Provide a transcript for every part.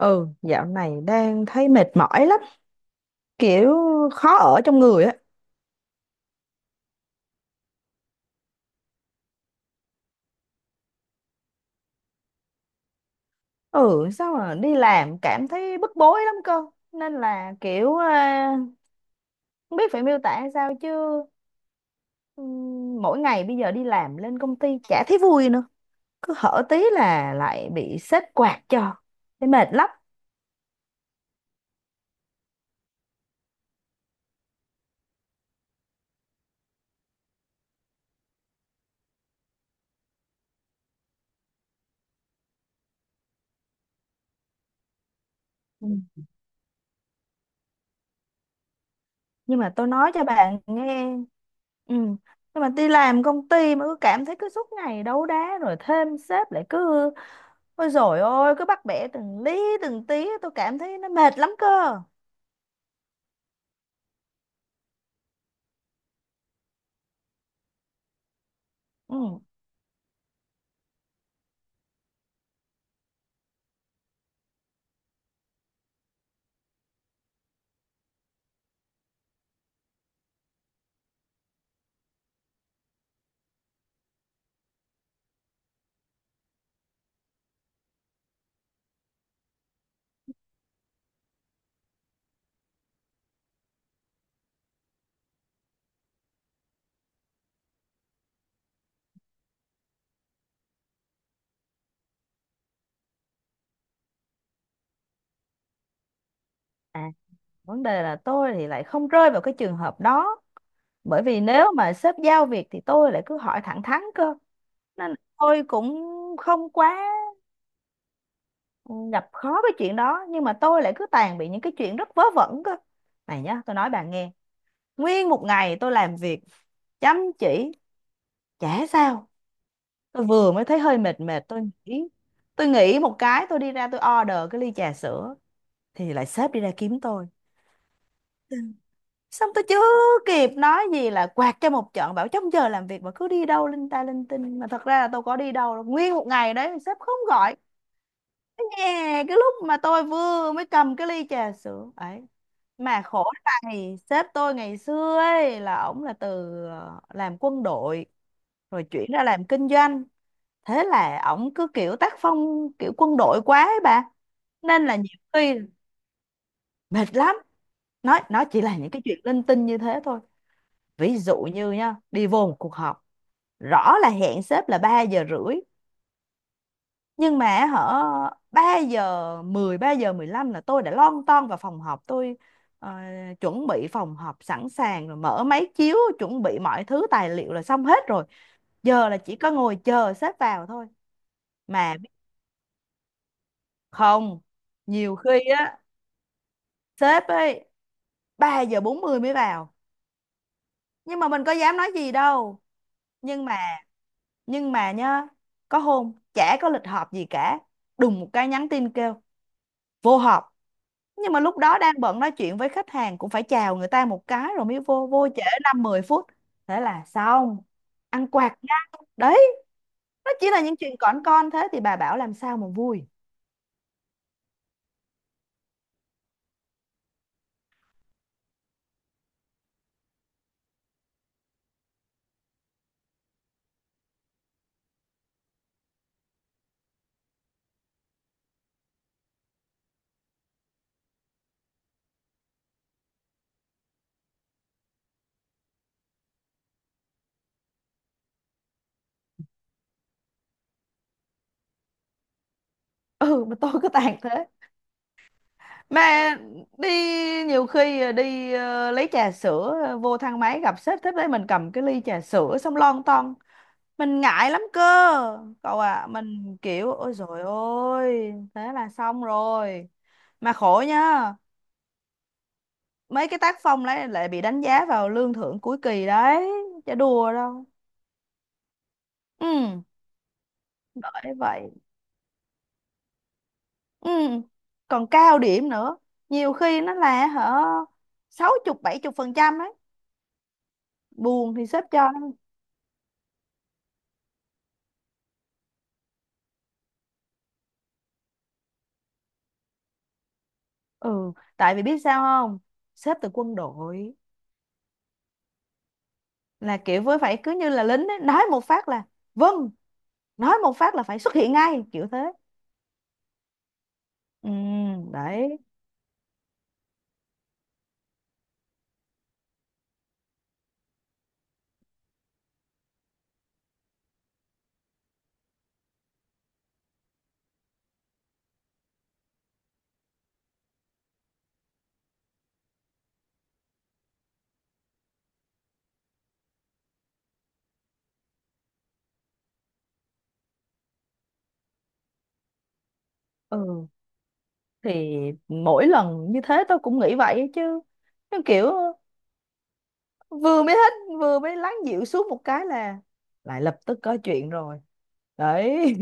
Ừ, dạo này đang thấy mệt mỏi lắm, kiểu khó ở trong người á. Ừ, sao mà đi làm cảm thấy bức bối lắm cơ. Nên là không biết phải miêu tả sao chứ mỗi ngày bây giờ đi làm lên công ty chả thấy vui nữa. Cứ hở tí là lại bị sếp quạt cho. Thấy mệt lắm. Ừ, nhưng mà tôi nói cho bạn nghe. Ừ, nhưng mà đi làm công ty mà cứ cảm thấy cứ suốt ngày đấu đá rồi thêm sếp lại cứ ôi dồi ôi cứ bắt bẻ từng lý từng tí, tôi cảm thấy nó mệt lắm cơ. Ừ. à vấn đề là tôi thì lại không rơi vào cái trường hợp đó, bởi vì nếu mà sếp giao việc thì tôi lại cứ hỏi thẳng thắn cơ. Nên là tôi cũng không quá gặp khó cái chuyện đó, nhưng mà tôi lại cứ tàn bị những cái chuyện rất vớ vẩn cơ. Này nhá, tôi nói bạn nghe. Nguyên một ngày tôi làm việc chăm chỉ, chả sao. Tôi vừa mới thấy hơi mệt mệt, tôi nghĩ. Tôi nghĩ một cái, tôi đi ra tôi order cái ly trà sữa. Thì lại sếp đi ra kiếm tôi. Xong tôi chưa kịp nói gì là quạt cho một trận, bảo trong giờ làm việc mà cứ đi đâu linh ta linh tinh. Mà thật ra là tôi có đi đâu đâu. Nguyên một ngày đấy, sếp không gọi. Nè, cái lúc mà tôi vừa mới cầm cái ly trà sữa ấy mà khổ. Này sếp tôi ngày xưa ấy là ổng là từ làm quân đội rồi chuyển ra làm kinh doanh. Thế là ổng cứ kiểu tác phong kiểu quân đội quá ấy bà. Nên là nhiều khi mệt lắm, nói nó chỉ là những cái chuyện linh tinh như thế thôi. Ví dụ như nha, đi vô một cuộc họp, rõ là hẹn sếp là 3 giờ rưỡi, nhưng mà hở 3 giờ 10, 3 giờ 15 là tôi đã lon ton vào phòng họp tôi ờ, chuẩn bị phòng họp sẵn sàng, rồi mở máy chiếu chuẩn bị mọi thứ tài liệu là xong hết rồi. Giờ là chỉ có ngồi chờ sếp vào thôi, mà biết không, nhiều khi á, sếp ấy 3 giờ 40 mới vào. Nhưng mà mình có dám nói gì đâu. Nhưng mà nhưng mà nhá, có hôm chả có lịch họp gì cả, đùng một cái nhắn tin kêu vô họp. Nhưng mà lúc đó đang bận nói chuyện với khách hàng, cũng phải chào người ta một cái rồi mới vô, vô trễ 5 10 phút, thế là xong, ăn quạt nha. Đấy, nó chỉ là những chuyện cỏn con, thế thì bà bảo làm sao mà vui. Ừ, mà tôi cứ tàn thế. Mà đi Nhiều khi đi lấy trà sữa, vô thang máy gặp sếp thế đấy, mình cầm cái ly trà sữa xong lon ton, mình ngại lắm cơ. Cậu à, mình kiểu ôi dồi ôi thế là xong rồi. Mà khổ nhá, mấy cái tác phong đấy lại bị đánh giá vào lương thưởng cuối kỳ đấy, chả đùa đâu. Ừ bởi vậy. Ừ, còn cao điểm nữa, nhiều khi nó là hở 60 70% đấy, buồn thì sếp cho. Ừ, tại vì biết sao không, sếp từ quân đội, là kiểu với phải cứ như là lính ấy, nói một phát là vâng, nói một phát là phải xuất hiện ngay kiểu thế. Ừ đấy. Ừ thì mỗi lần như thế tôi cũng nghĩ vậy chứ, nó kiểu vừa mới hết, vừa mới lắng dịu xuống một cái là lại lập tức có chuyện rồi. Đấy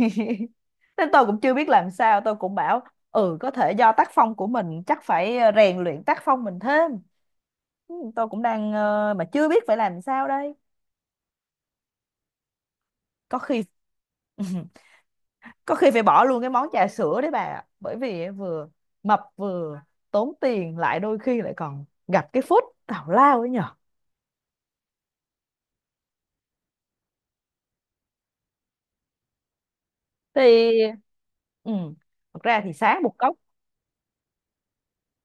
nên tôi cũng chưa biết làm sao, tôi cũng bảo ừ có thể do tác phong của mình, chắc phải rèn luyện tác phong mình thêm. Ừ, tôi cũng đang mà chưa biết phải làm sao đây. Có khi có khi phải bỏ luôn cái món trà sữa đấy bà ạ. Bởi vì á, vừa mập vừa tốn tiền, lại đôi khi lại còn gặp cái phút tào lao ấy nhở. thì ừ, thật ra thì sáng 1 cốc.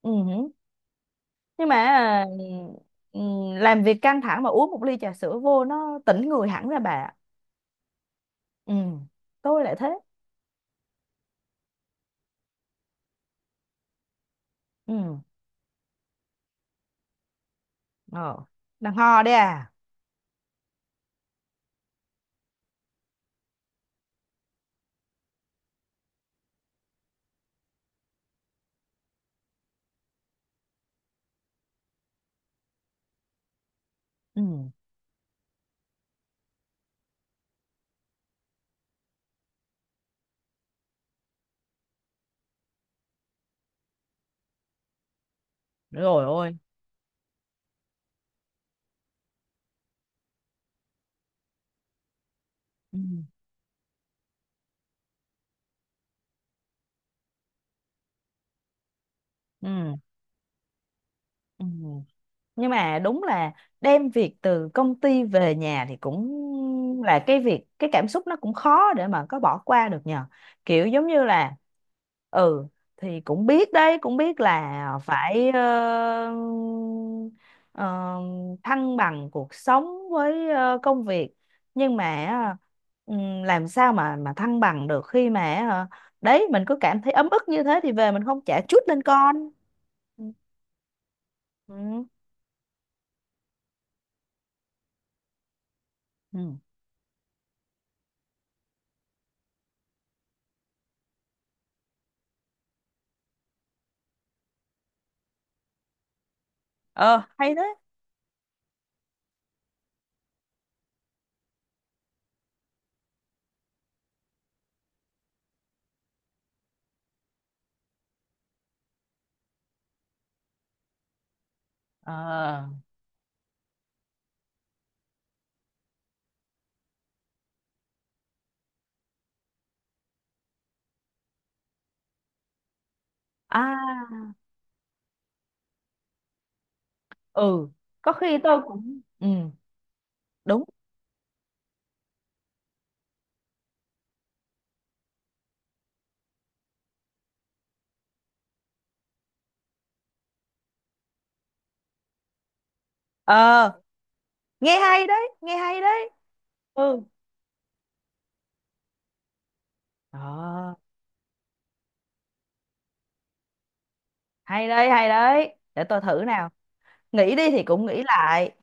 Ừ, nhưng mà ừ, làm việc căng thẳng mà uống 1 ly trà sữa vô nó tỉnh người hẳn ra bà ạ. Ừ, tôi lại thế. Ừ, ờ, đang ho đấy à. Ừ rồi, ôi. Ừ, ừ, ừ, nhưng mà đúng là đem việc từ công ty về nhà thì cũng là cái việc, cái cảm xúc nó cũng khó để mà có bỏ qua được nhờ, kiểu giống như là ừ thì cũng biết đấy, cũng biết là phải ờ, thăng bằng cuộc sống với công việc. Nhưng mà làm sao mà thăng bằng được khi mà đấy mình cứ cảm thấy ấm ức như thế thì về mình không chả chút lên con. Ừ. Ừ. Ừ. Ờ hay thế. Ờ. À ừ, có khi tôi cũng ừ. Đúng. Ờ nghe hay đấy, nghe hay đấy. Ừ. Ờ hay đấy, hay đấy, để tôi thử nào. Nghĩ đi thì cũng nghĩ lại,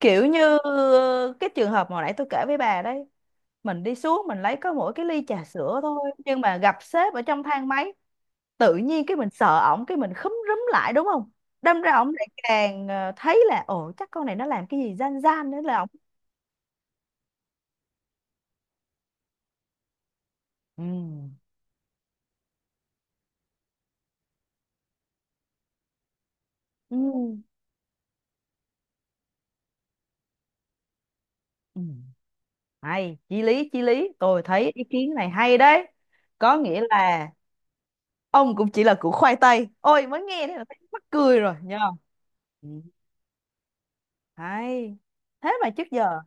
kiểu như ờ, cái trường hợp mà hồi nãy tôi kể với bà đấy, mình đi xuống mình lấy có mỗi cái ly trà sữa thôi, nhưng mà gặp sếp ở trong thang máy, tự nhiên cái mình sợ ổng, cái mình khúm rúm lại đúng không. Đâm ra ổng lại càng thấy là ồ chắc con này nó làm cái gì gian gian nữa là ổng. Ừ. Ừ. Ừ. Hay, chí lý, chí lý. Tôi thấy ý kiến này hay đấy. Có nghĩa là ông cũng chỉ là củ khoai tây. Ôi, mới nghe thế là thấy mắc cười rồi, nhờ. Ừ. Hay. Thế mà trước giờ.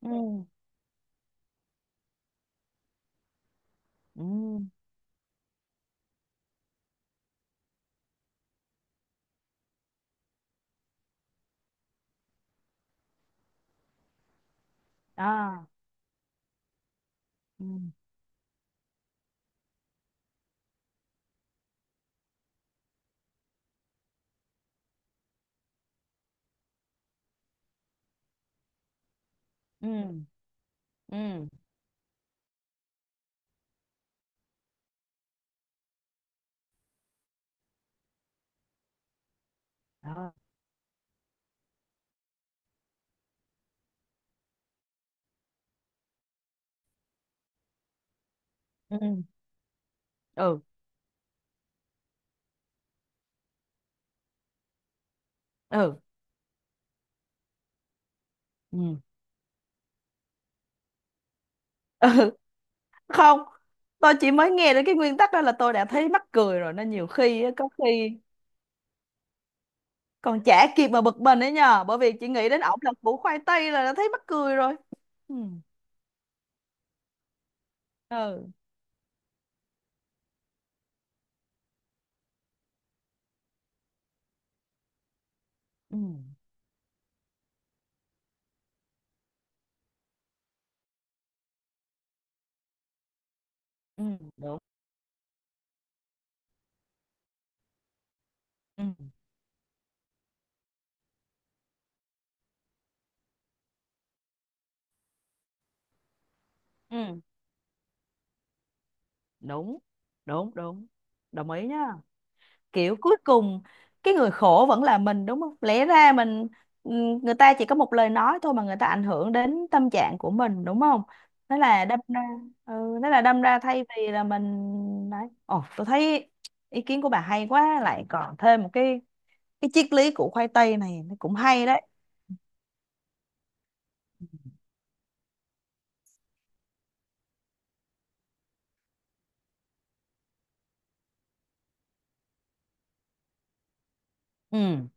Ừ. Ừ. À. Ừ. Ừ. Ừ. Ờ. Ừ. Ừ. Ừ. Ừ. Ừ. Không. Tôi chỉ mới nghe đến cái nguyên tắc đó là tôi đã thấy mắc cười rồi. Nên nhiều khi á, có khi còn chả kịp mà bực mình ấy nhờ, bởi vì chị nghĩ đến ổng là củ khoai tây là đã thấy mắc cười rồi. Ừ. Ừ. Ừ. Ừ, đúng. Ừ. Ừ đúng, đúng, đúng. Đồng ý nhá. Kiểu cuối cùng cái người khổ vẫn là mình đúng không, lẽ ra mình người ta chỉ có một lời nói thôi mà người ta ảnh hưởng đến tâm trạng của mình đúng không. Thế là đâm ra ừ, thế là đâm ra thay vì là mình đấy, ồ tôi thấy ý kiến của bà hay quá, lại còn thêm một cái triết lý của khoai tây này nó cũng hay đấy. Ừ.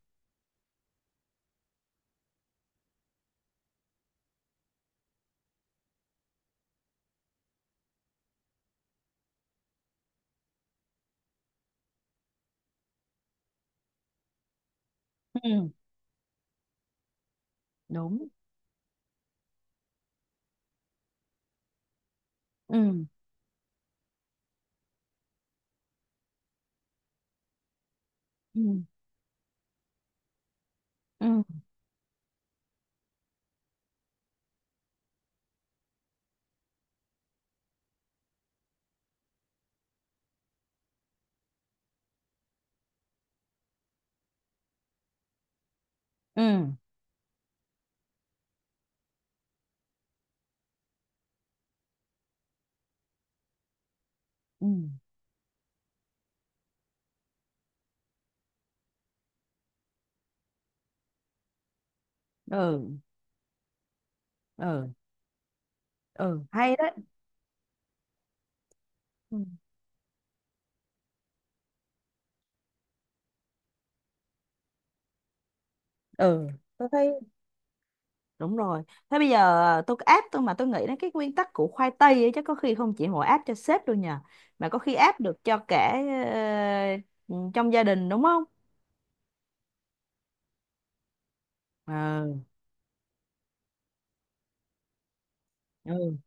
Ừ đúng. Ừ. Ừ. Ừ. Ừ. Ừ. Ừ. Ừ. Ừ hay đấy. Ừ. Ừ tôi thấy đúng rồi. Thế bây giờ tôi áp, tôi mà tôi nghĩ đến cái nguyên tắc của khoai tây ấy, chắc có khi không chỉ mỗi áp cho sếp đâu nhờ, mà có khi áp được cho cả ờ, trong gia đình đúng không. Ừ. Ừ.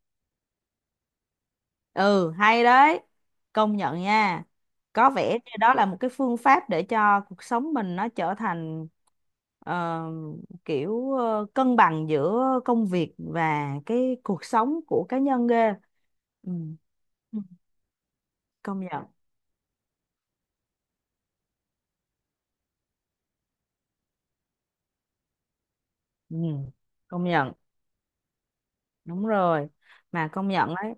Ừ, hay đấy. Công nhận nha. Có vẻ như đó là một cái phương pháp để cho cuộc sống mình nó trở thành ờ, kiểu ờ, cân bằng giữa công việc và cái cuộc sống của cá nhân ghê. Ừ. Ừ, công nhận. Ừ, công nhận. Đúng rồi. Mà công nhận đấy.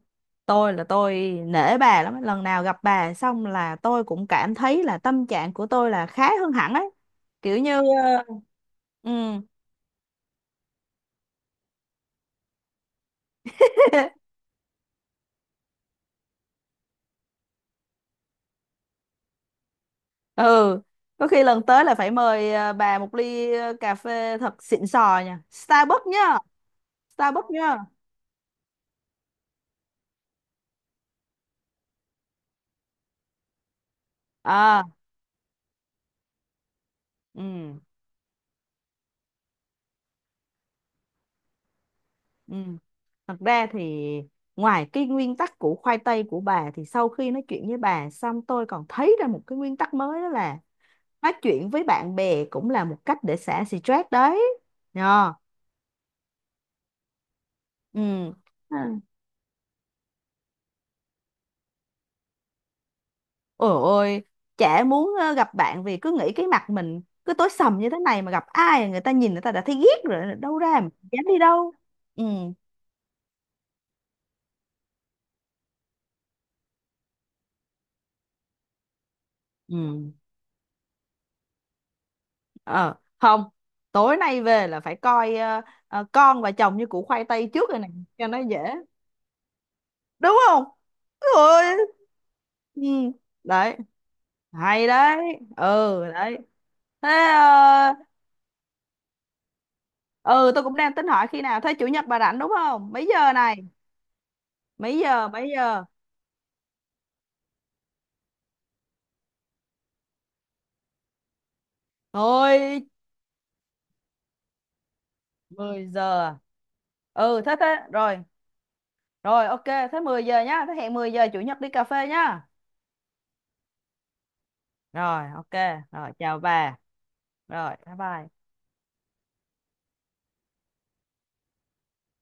Tôi là tôi nể bà lắm ấy. Lần nào gặp bà xong là tôi cũng cảm thấy là tâm trạng của tôi là khá hơn hẳn ấy. Kiểu như ờ, ừ. Ừ, có khi lần tới là phải mời bà 1 ly cà phê thật xịn sò nha, Starbucks nhá. Starbucks nhá. À. Ừ. Ừ thật ra thì ngoài cái nguyên tắc của khoai tây của bà thì sau khi nói chuyện với bà xong tôi còn thấy ra một cái nguyên tắc mới, đó là nói chuyện với bạn bè cũng là một cách để xả stress đấy nhờ. Ừ. Ôi ôi, chả muốn gặp bạn vì cứ nghĩ cái mặt mình cứ tối sầm như thế này, mà gặp ai người ta nhìn người ta đã thấy ghét rồi, đâu ra mà dám đi đâu. Ừ, ừ, ờ, không, tối nay về là phải coi con và chồng như củ khoai tây trước rồi này, cho nó dễ. Đúng không? Ôi, ừ, đấy, hay đấy, ừ, đấy. Thế, ừ, tôi cũng đang tính hỏi khi nào, thế chủ nhật bà rảnh đúng không? Mấy giờ này? Mấy giờ, mấy giờ? Thôi 10 giờ à? Ừ thế thế rồi, rồi ok. Thế 10 giờ nhá, thế hẹn 10 giờ chủ nhật đi cà phê nhá. Rồi ok. Rồi chào bà. Rồi bye bye.